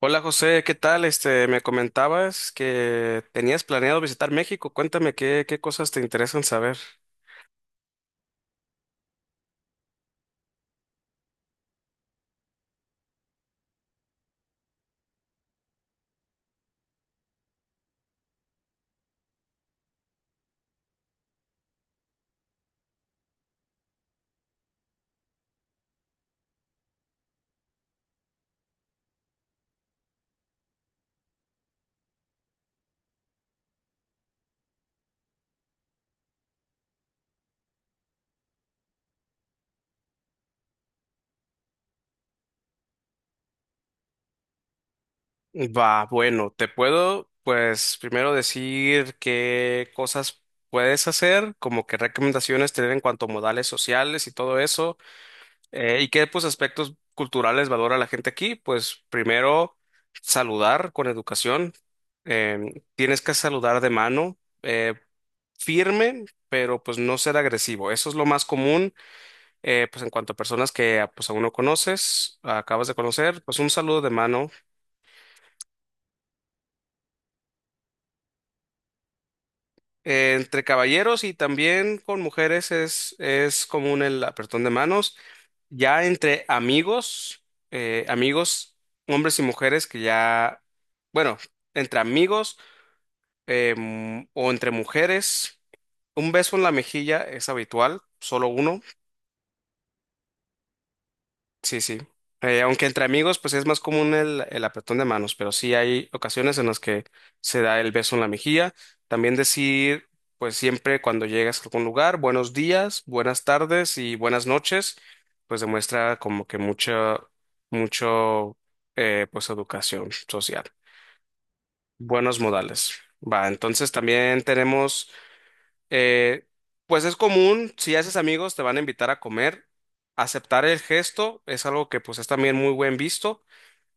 Hola José, ¿qué tal? Me comentabas que tenías planeado visitar México. Cuéntame qué cosas te interesan saber. Va, bueno, te puedo, pues, primero decir qué cosas puedes hacer, como qué recomendaciones tener en cuanto a modales sociales y todo eso, y qué, pues, aspectos culturales valora la gente aquí. Pues, primero, saludar con educación. Tienes que saludar de mano, eh, firme, pero pues no ser agresivo. Eso es lo más común. Pues en cuanto a personas que pues aún no conoces, acabas de conocer, pues un saludo de mano. Entre caballeros y también con mujeres es común el apretón de manos. Ya entre amigos, eh, amigos, hombres y mujeres que ya, bueno, entre amigos o entre mujeres, un beso en la mejilla es habitual, solo uno. Sí, sí. Aunque entre amigos, pues es más común el apretón de manos, pero sí hay ocasiones en las que se da el beso en la mejilla. También decir, pues siempre cuando llegas a algún lugar, buenos días, buenas tardes y buenas noches, pues demuestra como que mucha, mucho, pues educación social, buenos modales. Va, entonces también tenemos eh, pues es común, si haces amigos, te van a invitar a comer. Aceptar el gesto es algo que pues es también muy buen visto.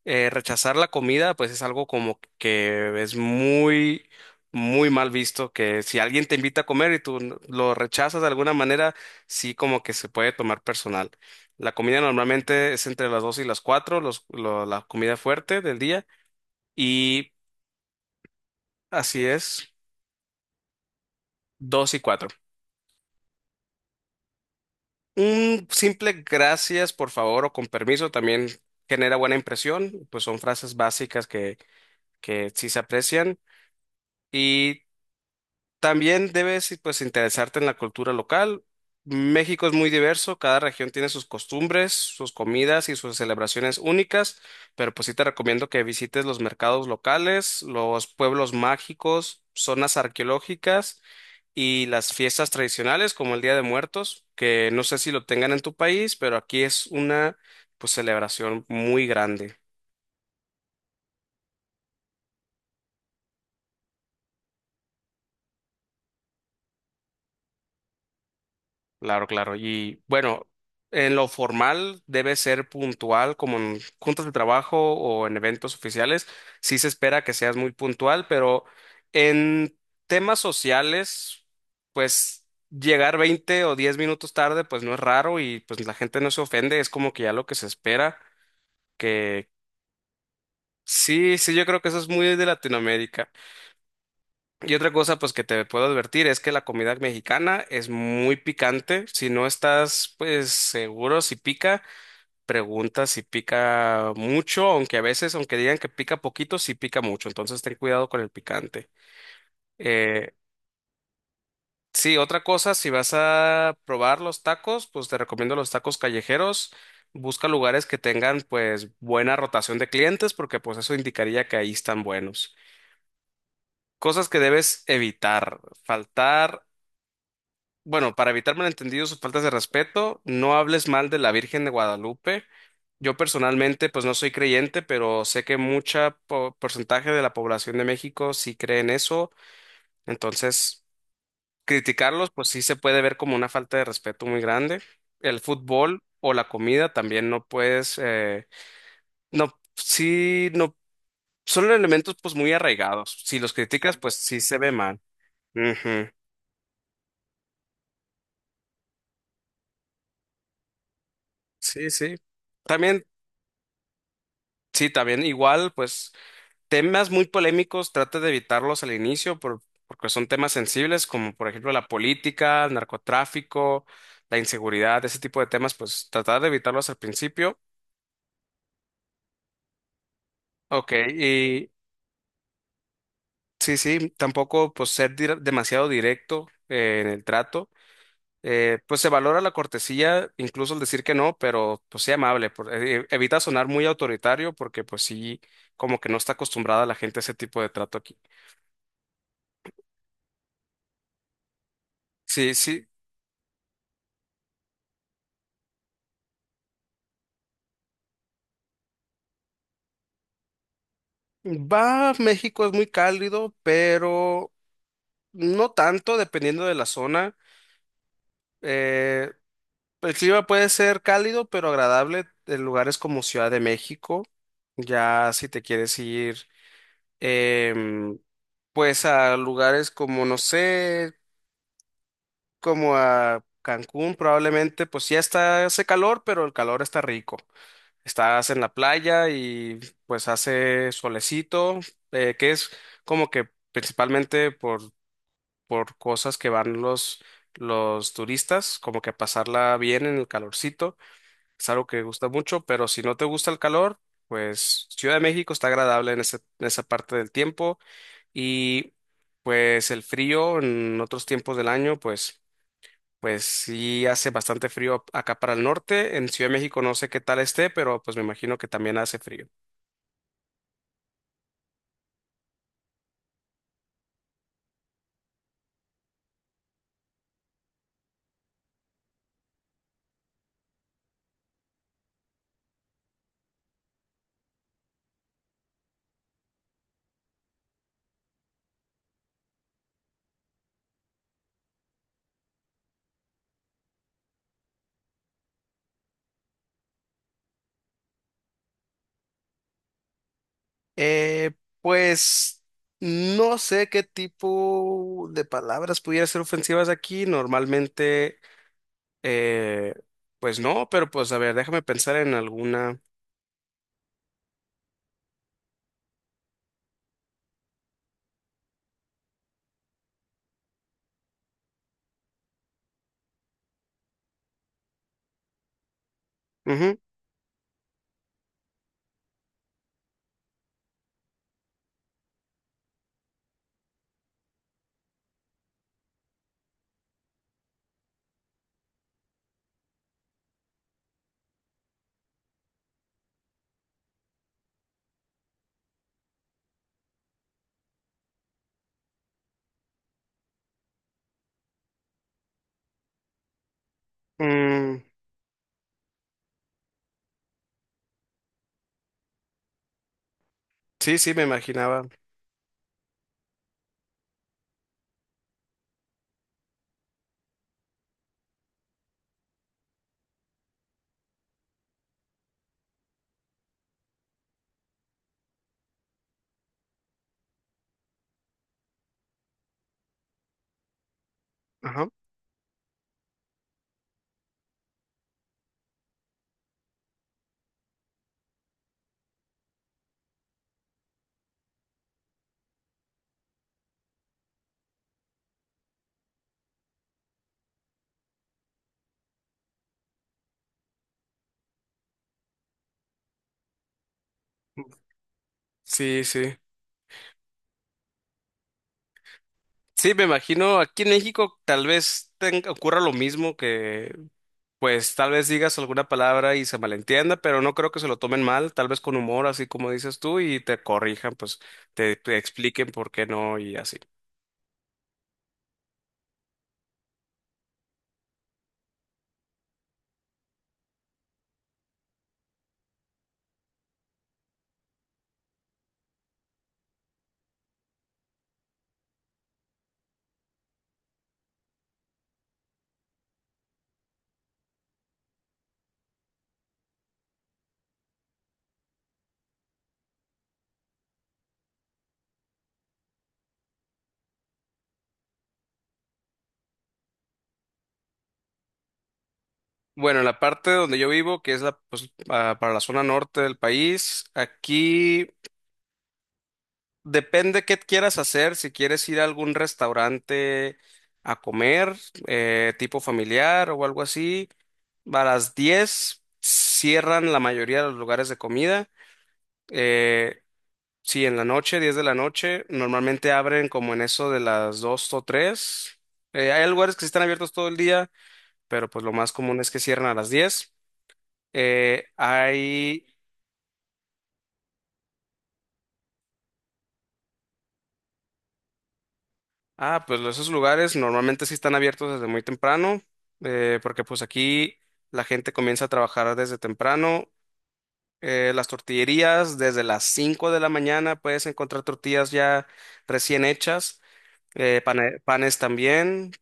Rechazar la comida, pues es algo como que es muy, muy mal visto, que si alguien te invita a comer y tú lo rechazas de alguna manera, sí como que se puede tomar personal. La comida normalmente es entre las 2 y las 4, la comida fuerte del día, y así es, 2 y 4. Un simple gracias, por favor, o con permiso también genera buena impresión, pues son frases básicas que sí se aprecian. Y también debes pues interesarte en la cultura local. México es muy diverso, cada región tiene sus costumbres, sus comidas y sus celebraciones únicas, pero pues sí te recomiendo que visites los mercados locales, los pueblos mágicos, zonas arqueológicas y las fiestas tradicionales como el Día de Muertos, que no sé si lo tengan en tu país, pero aquí es una pues celebración muy grande. Claro, claro. Y bueno, en lo formal debe ser puntual, como en juntas de trabajo o en eventos oficiales. Sí se espera que seas muy puntual, pero en temas sociales, pues llegar 20 o 10 minutos tarde, pues no es raro y pues la gente no se ofende, es como que ya lo que se espera, que sí, sí, yo creo que eso es muy de Latinoamérica. Y otra cosa, pues que te puedo advertir es que la comida mexicana es muy picante. Si no estás, pues seguro si pica, pregunta si pica mucho, aunque a veces, aunque digan que pica poquito, sí pica mucho. Entonces ten cuidado con el picante. Eh, sí, otra cosa, si vas a probar los tacos, pues te recomiendo los tacos callejeros. Busca lugares que tengan, pues, buena rotación de clientes, porque pues eso indicaría que ahí están buenos. Cosas que debes evitar. Faltar Bueno, para evitar malentendidos o faltas de respeto, no hables mal de la Virgen de Guadalupe. Yo personalmente, pues no soy creyente, pero sé que porcentaje de la población de México sí cree en eso. Entonces, criticarlos, pues sí se puede ver como una falta de respeto muy grande. El fútbol o la comida también no puedes, no, sí, no, son elementos pues muy arraigados. Si los criticas, pues sí se ve mal. Ujú. Sí, sí. También, sí, también igual, pues, temas muy polémicos, trata de evitarlos al inicio porque son temas sensibles, como por ejemplo la política, el narcotráfico, la inseguridad, ese tipo de temas, pues tratar de evitarlos al principio. Ok. Y sí, sí, tampoco pues ser demasiado directo en el trato. Pues se valora la cortesía, incluso el decir que no, pero pues sea amable, evita sonar muy autoritario porque pues sí, como que no está acostumbrada la gente a ese tipo de trato aquí. Sí, sí. Va, México es muy cálido, pero no tanto, dependiendo de la zona. Eh, el clima puede ser cálido, pero agradable en lugares como Ciudad de México. Ya si te quieres ir, em, pues a lugares como, no sé, como a Cancún, probablemente, pues ya está, hace calor, pero el calor está rico. Estás en la playa y pues hace solecito, que es como que principalmente por cosas que van los turistas, como que a pasarla bien en el calorcito. Es algo que gusta mucho, pero si no te gusta el calor, pues Ciudad de México está agradable en esa parte del tiempo y pues el frío en otros tiempos del año, pues... Pues sí hace bastante frío acá para el norte. En Ciudad de México no sé qué tal esté, pero pues me imagino que también hace frío. Eh, pues no sé qué tipo de palabras pudiera ser ofensivas aquí. Normalmente, eh, pues no, pero pues a ver, déjame pensar en alguna. Ujú, mm, sí, sí, me imaginaba. Ajá. Sí, sí. Sí, me imagino aquí en México tal vez ocurra lo mismo, que pues tal vez digas alguna palabra y se malentienda, pero no creo que se lo tomen mal, tal vez con humor, así como dices tú, y te corrijan, pues te expliquen por qué no y así. Bueno, en la parte donde yo vivo, que es la, pues, para la zona norte del país, aquí depende qué quieras hacer, si quieres ir a algún restaurante a comer, tipo familiar o algo así, a las 10 cierran la mayoría de los lugares de comida. Eh, Sí, en la noche, 10 de la noche, normalmente abren como en eso de las 2 o 3. Hay lugares que sí están abiertos todo el día, pero pues lo más común es que cierran a las 10. Eh, hay, ah, pues esos lugares normalmente sí están abiertos desde muy temprano, porque pues aquí la gente comienza a trabajar desde temprano. Las tortillerías, desde las 5 de la mañana puedes encontrar tortillas ya recién hechas. Pane- panes también.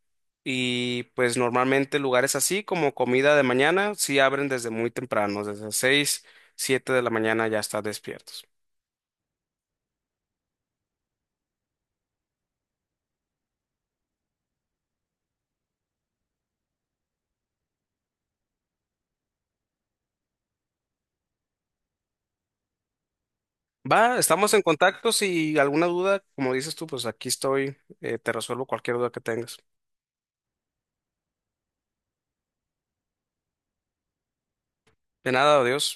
Y pues normalmente lugares así como comida de mañana sí abren desde muy temprano, desde las 6 7 de la mañana ya están despiertos. Va, estamos en contacto. Si alguna duda, como dices tú, pues aquí estoy, te resuelvo cualquier duda que tengas. De nada, adiós.